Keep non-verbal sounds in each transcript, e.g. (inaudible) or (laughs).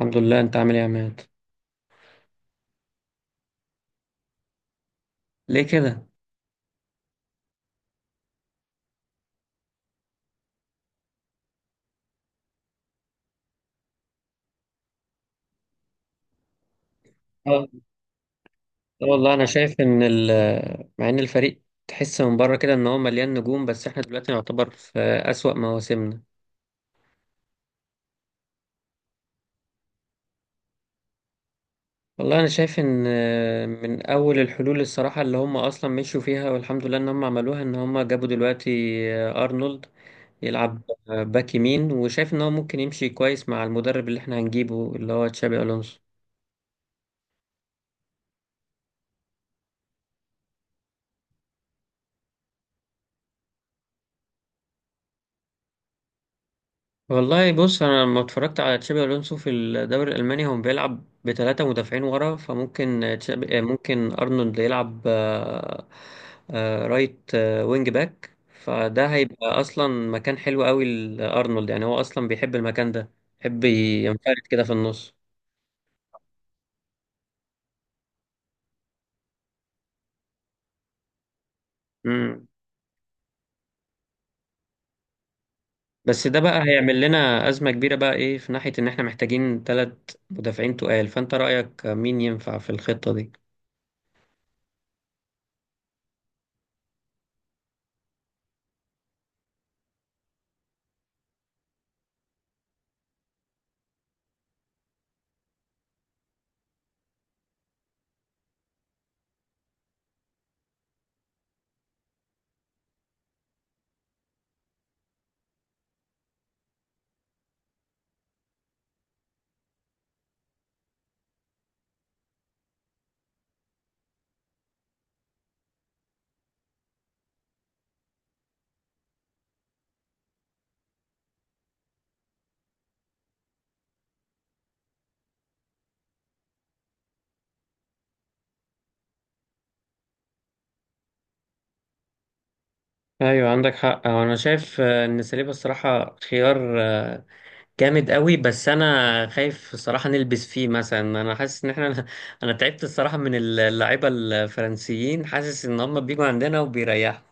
الحمد لله، انت عامل ايه يا عماد؟ ليه كده؟ اه. لا والله، انا شايف ان مع ان الفريق تحس من بره كده ان هو مليان نجوم، بس احنا دلوقتي نعتبر في اسوأ مواسمنا. والله انا شايف ان من اول الحلول الصراحة اللي هم اصلا مشوا فيها، والحمد لله ان هم عملوها، ان هم جابوا دلوقتي ارنولد يلعب باك يمين، وشايف ان هو ممكن يمشي كويس مع المدرب اللي احنا هنجيبه اللي هو تشابي الونسو. والله بص، انا لما اتفرجت على تشابي الونسو في الدوري الالماني هو بيلعب بثلاثه مدافعين ورا، فممكن تشابي ممكن ارنولد يلعب رايت وينج باك، فده هيبقى اصلا مكان حلو قوي لارنولد. يعني هو اصلا بيحب المكان ده، بيحب ينفرد كده في النص. مم. بس ده بقى هيعمل لنا ازمه كبيره بقى ايه في ناحيه ان احنا محتاجين 3 مدافعين تقال. فانت رايك مين ينفع في الخطه دي؟ ايوه، عندك حق. هو انا شايف ان ساليبا الصراحه خيار جامد قوي، بس انا خايف الصراحه نلبس فيه. مثلا انا حاسس ان احنا (laughs) انا تعبت الصراحه من اللعيبه الفرنسيين، حاسس ان هم بيجوا عندنا وبيريحوا.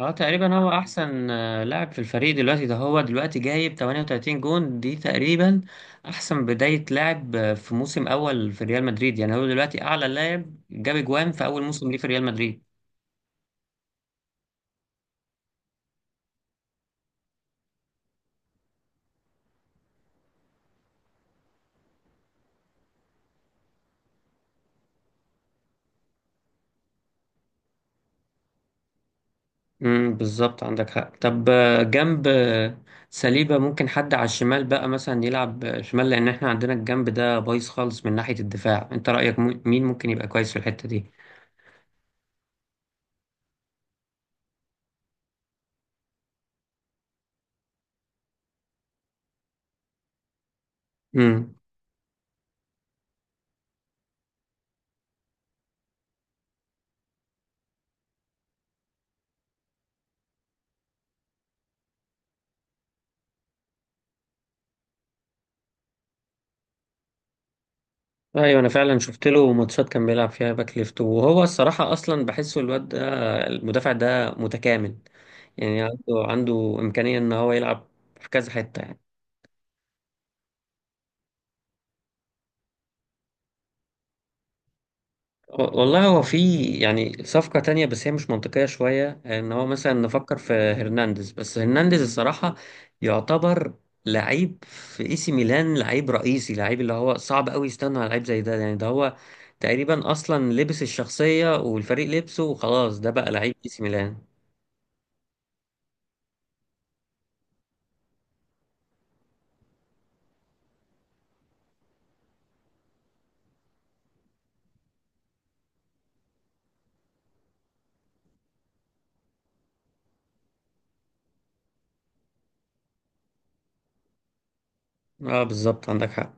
اه، تقريبا هو احسن لاعب في الفريق دلوقتي. ده هو دلوقتي جايب 38 جون، دي تقريبا احسن بدايه لاعب في موسم اول في ريال مدريد. يعني هو دلوقتي اعلى لاعب جاب جوان في اول موسم ليه في ريال مدريد. امم، بالظبط، عندك حق. طب جنب سليبة، ممكن حد على الشمال بقى مثلا يلعب شمال، لأن احنا عندنا الجنب ده بايظ خالص من ناحية الدفاع. انت رأيك مين ممكن يبقى كويس في الحتة دي؟ امم. ايوه، انا فعلا شفت له ماتشات كان بيلعب فيها باك ليفت، وهو الصراحة اصلا بحسه الواد ده المدافع ده متكامل. يعني عنده إمكانية ان هو يلعب في كذا حتة يعني. والله هو في يعني صفقة تانية بس هي مش منطقية شوية، ان هو مثلا نفكر في هرنانديز. بس هرنانديز الصراحة يعتبر لعيب في اي سي ميلان، لعيب رئيسي، لعيب اللي هو صعب قوي يستنى على لعيب زي ده. يعني ده هو تقريبا اصلا لبس الشخصية والفريق لبسه وخلاص، ده بقى لعيب اي سي ميلان. اه، بالظبط، عندك حق.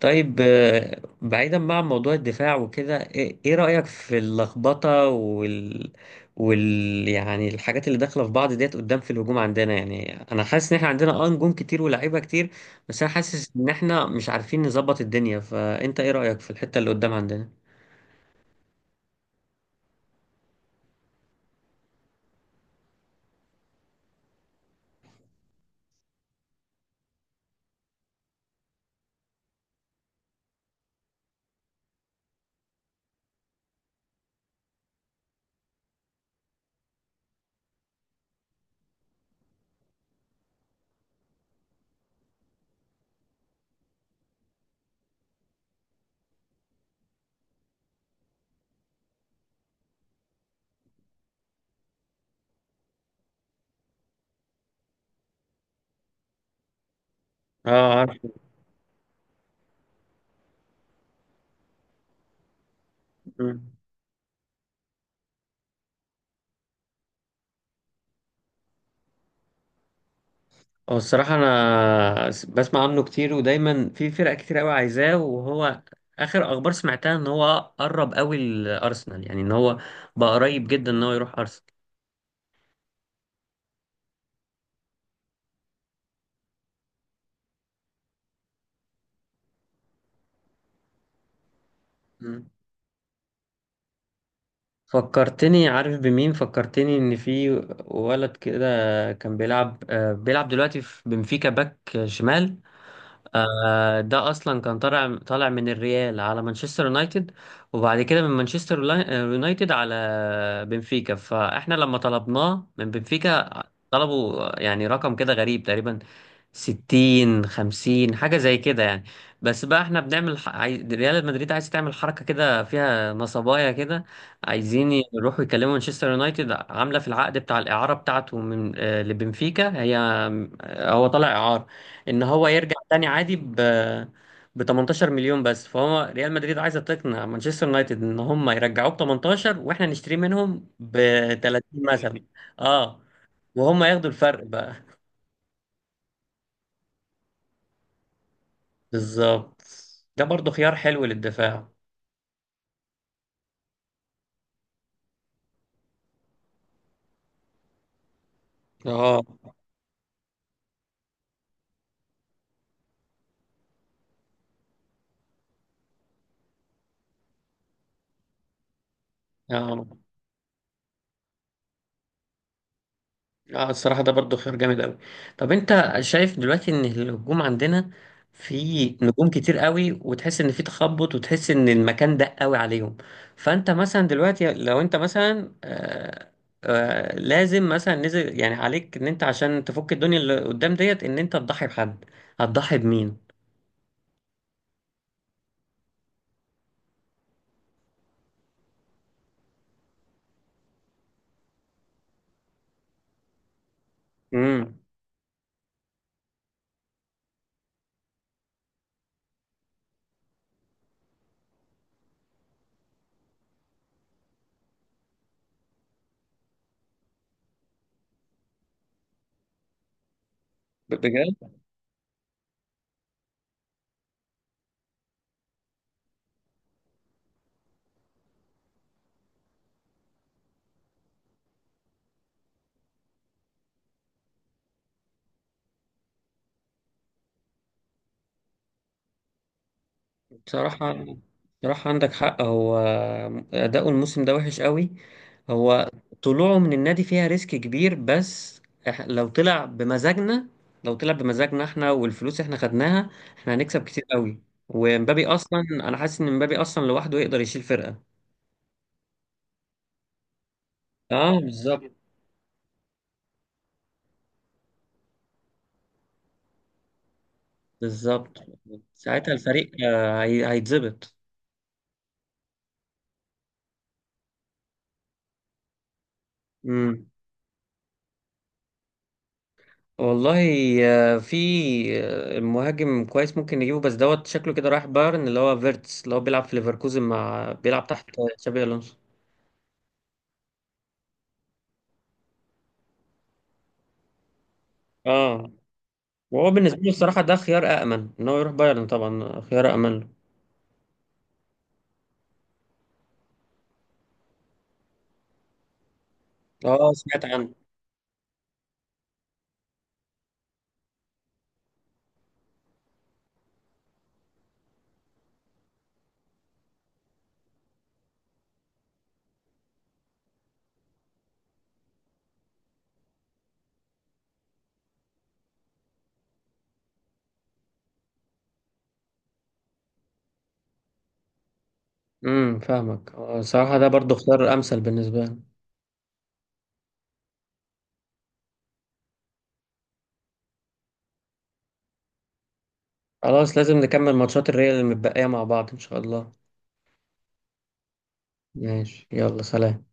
طيب بعيدا بقى عن موضوع الدفاع وكده، إيه رأيك في اللخبطة وال يعني الحاجات اللي داخلة في بعض ديت قدام في الهجوم عندنا؟ يعني انا حاسس ان احنا عندنا نجوم كتير ولاعيبة كتير، بس انا حاسس ان احنا مش عارفين نظبط الدنيا. فانت ايه رأيك في الحتة اللي قدام عندنا؟ اه، عارف. هو الصراحة أنا بسمع عنه كتير، ودايما في فرق كتير أوي عايزاه. وهو آخر أخبار سمعتها إن هو قرب أوي لأرسنال، يعني إن هو بقى قريب جدا إن هو يروح أرسنال. مم. فكرتني. عارف بمين فكرتني؟ إن في ولد كده كان بيلعب دلوقتي في بنفيكا باك شمال. ده اصلا كان طالع من الريال على مانشستر يونايتد، وبعد كده من مانشستر يونايتد على بنفيكا. فاحنا لما طلبناه من بنفيكا طلبوا يعني رقم كده غريب تقريبا، 60 50 حاجة زي كده يعني. بس بقى احنا ريال مدريد عايز تعمل حركة كده فيها نصبايا كده. عايزين يروحوا يكلموا مانشستر يونايتد، عاملة في العقد بتاع الإعارة بتاعته من لبنفيكا، هي آه، هو طالع إعارة، إن هو يرجع تاني عادي ب 18 مليون بس. فهو ريال مدريد عايزة تقنع مانشستر يونايتد إن هم يرجعوه ب 18، واحنا نشتريه منهم ب 30 مثلا. اه. وهم ياخدوا الفرق بقى. بالظبط. ده برضو خيار حلو للدفاع. اه. اه. اه، الصراحة ده برضو خيار جامد قوي. طب انت شايف دلوقتي ان الهجوم عندنا في نجوم كتير قوي، وتحس ان في تخبط وتحس ان المكان ضيق قوي عليهم. فانت مثلا دلوقتي لو انت مثلا لازم مثلا نزل يعني عليك ان انت عشان تفك الدنيا اللي قدام ديت ان انت تضحي بحد، هتضحي بمين؟ امم. بجد؟ بصراحة بصراحة عندك حق. هو أداؤه الموسم ده وحش قوي. هو طلوعه من النادي فيها ريسك كبير، بس لو طلع بمزاجنا، لو طلع بمزاجنا احنا والفلوس احنا خدناها احنا هنكسب كتير قوي. ومبابي أصلا أنا حاسس إن مبابي أصلا لوحده يقدر يشيل فرقة. اه، بالظبط. بالظبط، ساعتها الفريق هيتظبط. والله في مهاجم كويس ممكن نجيبه، بس دوت شكله كده رايح بايرن، اللي هو فيرتس اللي هو بيلعب في ليفركوزن مع بيلعب تحت تشابي الونسو. اه. وهو بالنسبه لي الصراحه ده خيار امن، ان هو يروح بايرن طبعا خيار امن. له اه، سمعت عنه. امم، فاهمك. الصراحه ده برضو خيار امثل بالنسبه لي. خلاص، لازم نكمل ماتشات الريال المتبقيه مع بعض ان شاء الله. ماشي، يلا سلام.